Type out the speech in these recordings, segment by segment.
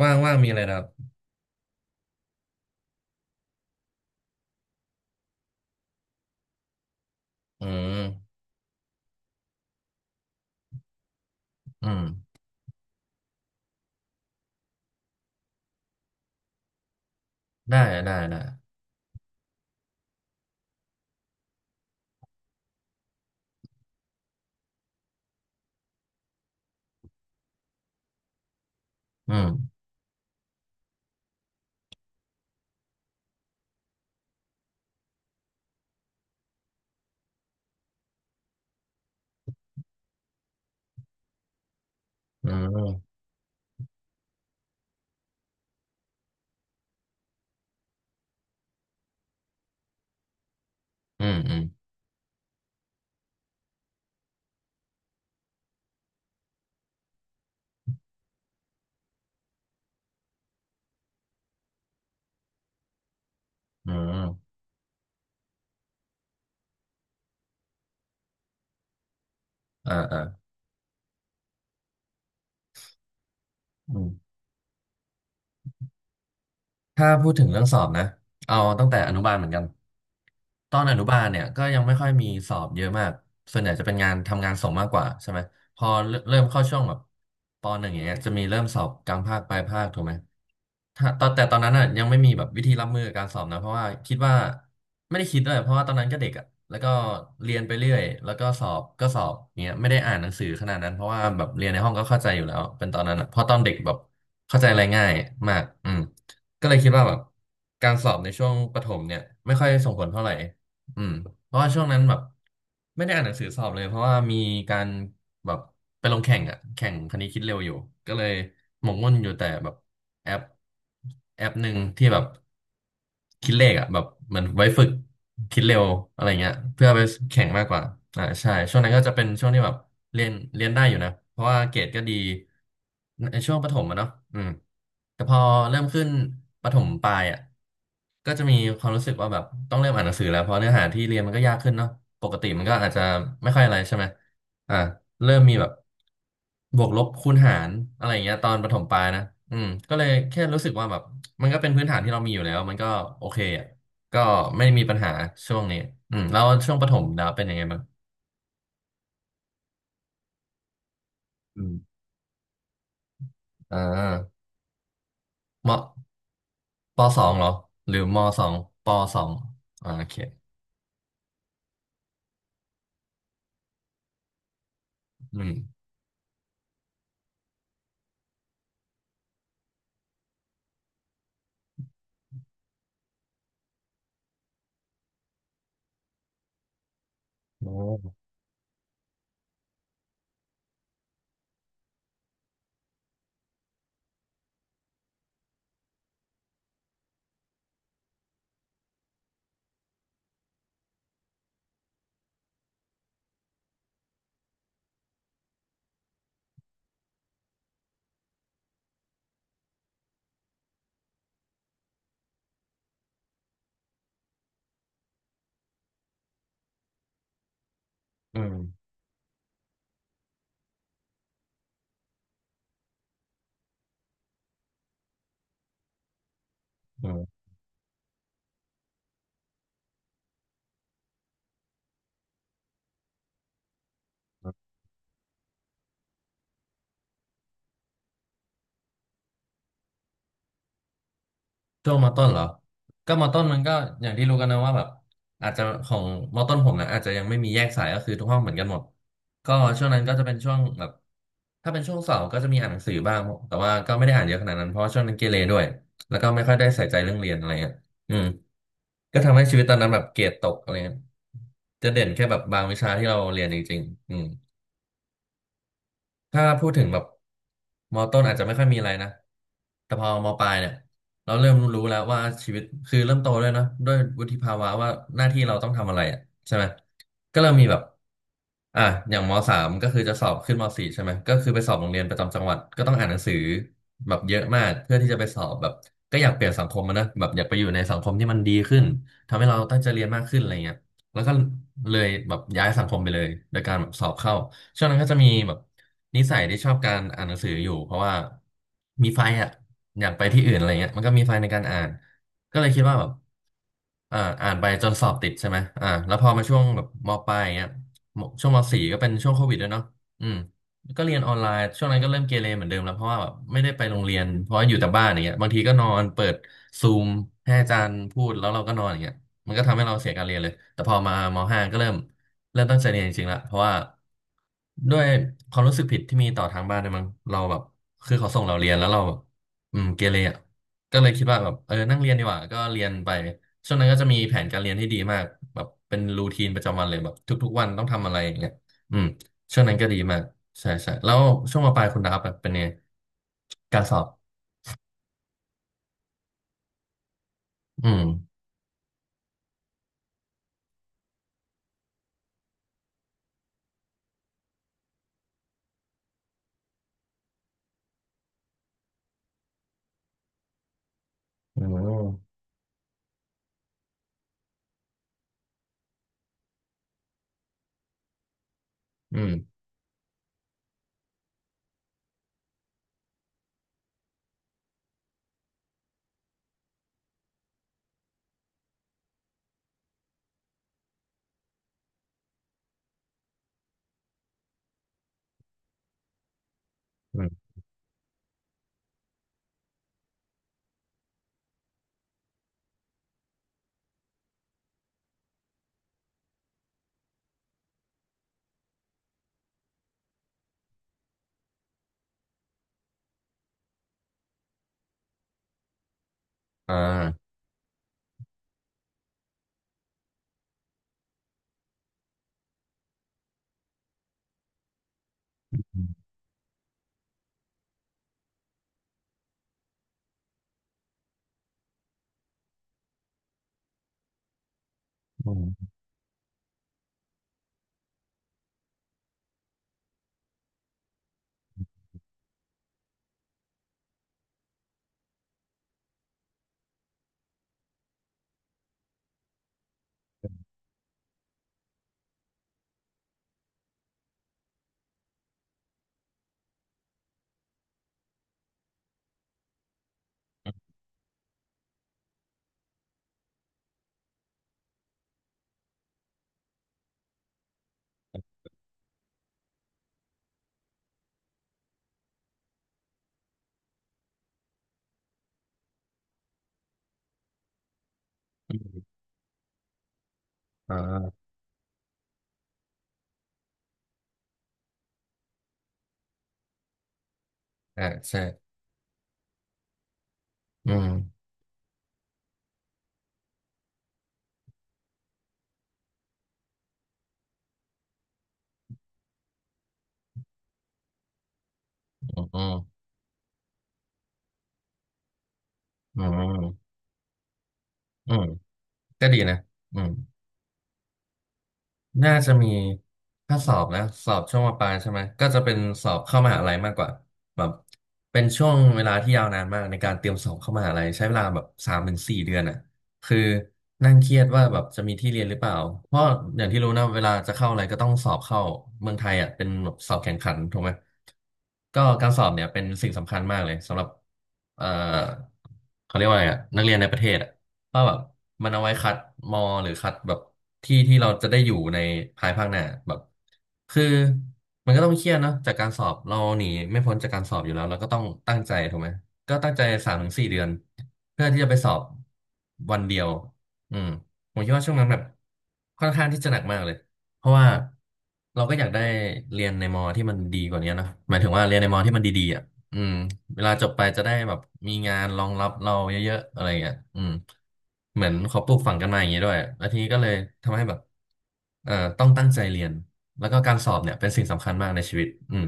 ว่างว่างมีอะไรนะครับอืมอืมได้ ได้ได้อืมอืมอืมอืมอืมอ่าอ่าอืมถ้าพูดถึงเรื่องสอบนะ เอาตั้งแต่อนุบาลเหมือนกัน ตอนอนุบาลเนี่ยก็ยังไม่ค่อยมีสอบเยอะมากส่วนใหญ่จะเป็นงานทำงานส่งมากกว่าใช่ไหมพอเริ่มเข้าช่วงแบบปหนึ่งอย่างเงี้ยจะมีเริ่มสอบกลางภาคปลายภาคถูกไหมถ้าตอนแต่ตอนนั้นอ่ะยังไม่มีแบบวิธีรับมือกับการสอบนะเพราะว่าคิดว่าไม่ได้คิดด้วยเพราะว่าตอนนั้นก็เด็กอ่ะแล้วก็เรียนไปเรื่อยแล้วก็สอบก็สอบเงี้ยไม่ได้อ่านหนังสือขนาดนั้นเพราะว่าแบบเรียนในห้องก็เข้าใจอยู่แล้วเป็นตอนนั้นอะเพราะตอนเด็กแบบเข้าใจอะไรง่ายมากอืมก็เลยคิดว่าแบบการสอบในช่วงประถมเนี่ยไม่ค่อยส่งผลเท่าไหร่ อืมเพราะว่าช่วงนั้นแบบไม่ได้อ่านหนังสือสอบเลยเพราะว่ามีการแบบไปลงแข่งอ่ะแข่งคณิตคิดเร็วอยู่ก็เลยหมกมุ่นอยู่แต่แบบแอปแอปหนึ่งที่แบบคิดเลขอ่ะแบบเหมือนไว้ฝึกคิดเร็วอะไรเงี้ยเพื่อไปแข่งมากกว่าอ่าใช่ช่วงนั้นก็จะเป็นช่วงที่แบบเรียนได้อยู่นะเพราะว่าเกรดก็ดีในช่วงประถมอะเนาะอืมแต่พอเริ่มขึ้นประถมปลายอ่ะ ก็จะมีความรู้สึกว่าแบบต้องเริ่มอ่านหนังสือแล้วเพราะเนื้อหาที่เรียนมันก็ยากขึ้นเนาะปกติมันก็อาจจะไม่ค่อยอะไรใช่ไหมอ่าเริ่มมีแบบบวกลบคูณหารอะไรอย่างเงี้ยตอนประถมปลายนะอืมก็เลยแค่รู้สึกว่าแบบมันก็เป็นพื้นฐานที่เรามีอยู่แล้วมันก็โอเคอ่ะก็ไม่มีปัญหาช่วงนี้อืมแล้วช่วงประถมดาวเป็นยังไงบ้างอืมอ่ามปสองเหรอหรือมสองปสองอ่าโอเคอืมโอ้อืมอืม ช่วงมอต้นเหรอก็มอต้นมันก็อย่างที่รู้กันนะว่าแบบอาจจะของมต้นผมนะอาจจะยังไม่มีแยกสายก็คือทุกห้องเหมือนกันหมดก็ช่วงนั้นก็จะเป็นช่วงแบบถ้าเป็นช่วงเสาร์ก็จะมีอ่านหนังสือบ้างแต่ว่าก็ไม่ได้อ่านเยอะขนาดนั้นเพราะว่าช่วงนั้นเกเรด้วยแล้วก็ไม่ค่อยได้ใส่ใจเรื่องเรียนอะไรเงี้ยอืมก็ทำให้ชีวิตตอนนั้นแบบเกรดตกอะไรเงี้ยจะเด่นแค่แบบบางวิชาที่เราเรียนจริงๆอืม ถ้าพูดถึงแบบมอต้นอาจจะไม่ค่อยมีอะไรนะแต่พอมอปลายเนี่ยเราเริ่มรู้แล้วว่าชีวิตคือเริ่มโตด้วยเนอะด้วยวุฒิภาวะว่าหน้าที่เราต้องทำอะไรอ่ะใช่ไหมก็เริ่มมีแบบอ่ะอย่างมสามก็คือจะสอบขึ้นมสี่ใช่ไหมก็คือไปสอบโรงเรียนประจำจังหวัดก็ต้องอ่านหนังสือแบบเยอะมากเพื่อที่จะไปสอบแบบก็อยากเปลี่ยนสังคมอะนะแบบอยากไปอยู่ในสังคมที่มันดีขึ้นทำให้เราตั้งใจเรียนมากขึ้นอะไรเงี้ย แล้วก็เลยแบบย้ายสังคมไปเลยโดยการแบบสอบเข้าช่วงนั้นก็จะมีแบบนิสัยที่ชอบการอ่านหนังสืออยู่เพราะว่ามีไฟอ่ะอยากไปที่อื่นอะไรเงี้ยมันก็มีไฟในการอ่านก็เลยคิดว่าแบบอ่านไปจนสอบติดใช่ไหมอ่าแล้วพอมาช่วงแบบมปลายอย่างเงี้ยมช่วงมสี่ก็เป็นช่วงโควิดด้วยเนาะอืมก็เรียนออนไลน์ช่วงนั้นก็เริ่มเกเรเหมือนเดิมแล้วเพราะว่าแบบไม่ได้ไปโรงเรียนเพราะว่าอยู่แต่บ้านอย่างเงี้ยบางทีก็นอนเปิดซูมให้อาจารย์พูดแล้วเราก็นอนอย่างเงี้ย มันก็ทำให้เราเสียการเรียนเลย แต่พอมามห้าก็เริ่มตั้งใจเรียนจริงๆละเพราะว่าด้วยความรู้สึกผิดที่มีต่อทางบ้านเนี่ยมั้งเราแบบคือเขาส่งเราเรียนแล้วเราแบบอืมเกเรอ่ะก็เลยคิดว่าแบบเออนั่งเรียนดีกว่าก็เรียนไปช่วงนั้นก็จะมีแผนการเรียนที่ดีมากแบบเป็นรูทีนประจำวันเลยแบบทุกๆวันต้องทำอะไรอย่างเงี้ยอืมช่วงนั้นก็ดีมากใช่ใช่แล้วช่วงมปลายคุณดาบแบบเป็นไงการสอบอืมอืมอืมอืมอ่าอืมอืม อ่าอ่าใช่อืมอืมอืมอืมอืมก็ดีนะอืม น่าจะมีถ้าสอบนะสอบช่วงมปลายใช่ไหมก็จะเป็นสอบเข้ามหาลัยมากกว่าแบบเป็นช่วงเวลาที่ยาวนานมากในการเตรียมสอบเข้ามหาลัยใช้เวลาแบบสามถึงสี่เดือนอ่ะคือนั่งเครียดว่าแบบจะมีที่เรียนหรือเปล่าเพราะอย่างที่รู้นะเวลาจะเข้าอะไรก็ต้องสอบเข้าเมืองไทยอ่ะเป็นแบบสอบแข่งขันถูกไหมก็การสอบเนี่ยเป็นสิ่งสำคัญมากเลยสำหรับเอ่อเขาเรียกว่าอะไรอ่ะนักเรียนในประเทศอ่ะ ว่าแบบมันเอาไว้คัดมอหรือคัดแบบที่ที่เราจะได้อยู่ในภายภาคหน้าแบบคือมันก็ต้องเครียดเนาะจากการสอบเราหนีไม่พ้นจากการสอบอยู่แล้วเราก็ต้องตั้งใจถูกไหมก็ตั้งใจสามถึงสี่เดือนเพื่อที่จะไปสอบวันเดียวอืมผมคิดว่าช่วงนั้นแบบค่อนข้างที่จะหนักมากเลยเพราะว่าเราก็อยากได้เรียนในมอที่มันดีกว่านี้เนอะหมายถึงว่าเรียนในมอที่มันดีๆอ่ะ อืมเวลาจบไปจะได้แบบมีงานรองรับเราเยอะๆอะไรเงี้ยอืมเหมือนเขาปลูกฝังกันมาอย่างนี้ด้วยแล้วทีนี้ก็เลยทำให้แบบเอ่อต้องตั้งใจเรียนแล้วก็การสอบเนี่ยเป็นสิ่งสำคัญมากในชีวิตอืม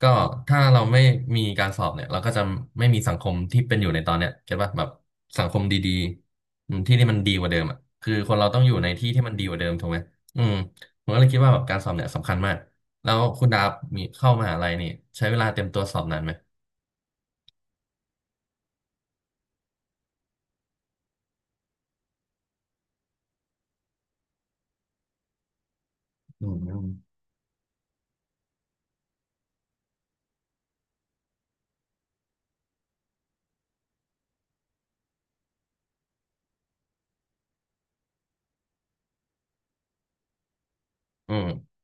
ก็ถ้าเราไม่มีการสอบเนี่ยเราก็จะไม่มีสังคมที่เป็นอยู่ในตอนเนี้ยเก็ตป่ะแบบสังคมดีๆอืมที่ที่มันดีกว่าเดิมอ่ะคือคนเราต้องอยู่ในที่ที่มันดีกว่าเดิมถูกไหมอืมผมก็เลยคิดว่าแบบการสอบเนี่ยสำคัญมากแล้วคุณดาบมีเข้ามหาลัยนี่ใช้เวลาเตรียมตัวสอบนานไหม อืมอืม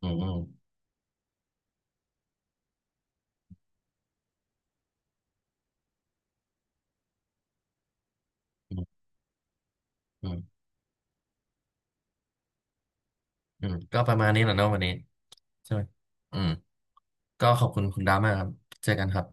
อืม อืม อืม อืม อืม ก็ประมาณนี้แหละเนาะวันนี้ใช่ไหม อืม ก็ขอบคุณคุณดามากครับเจอกันครับ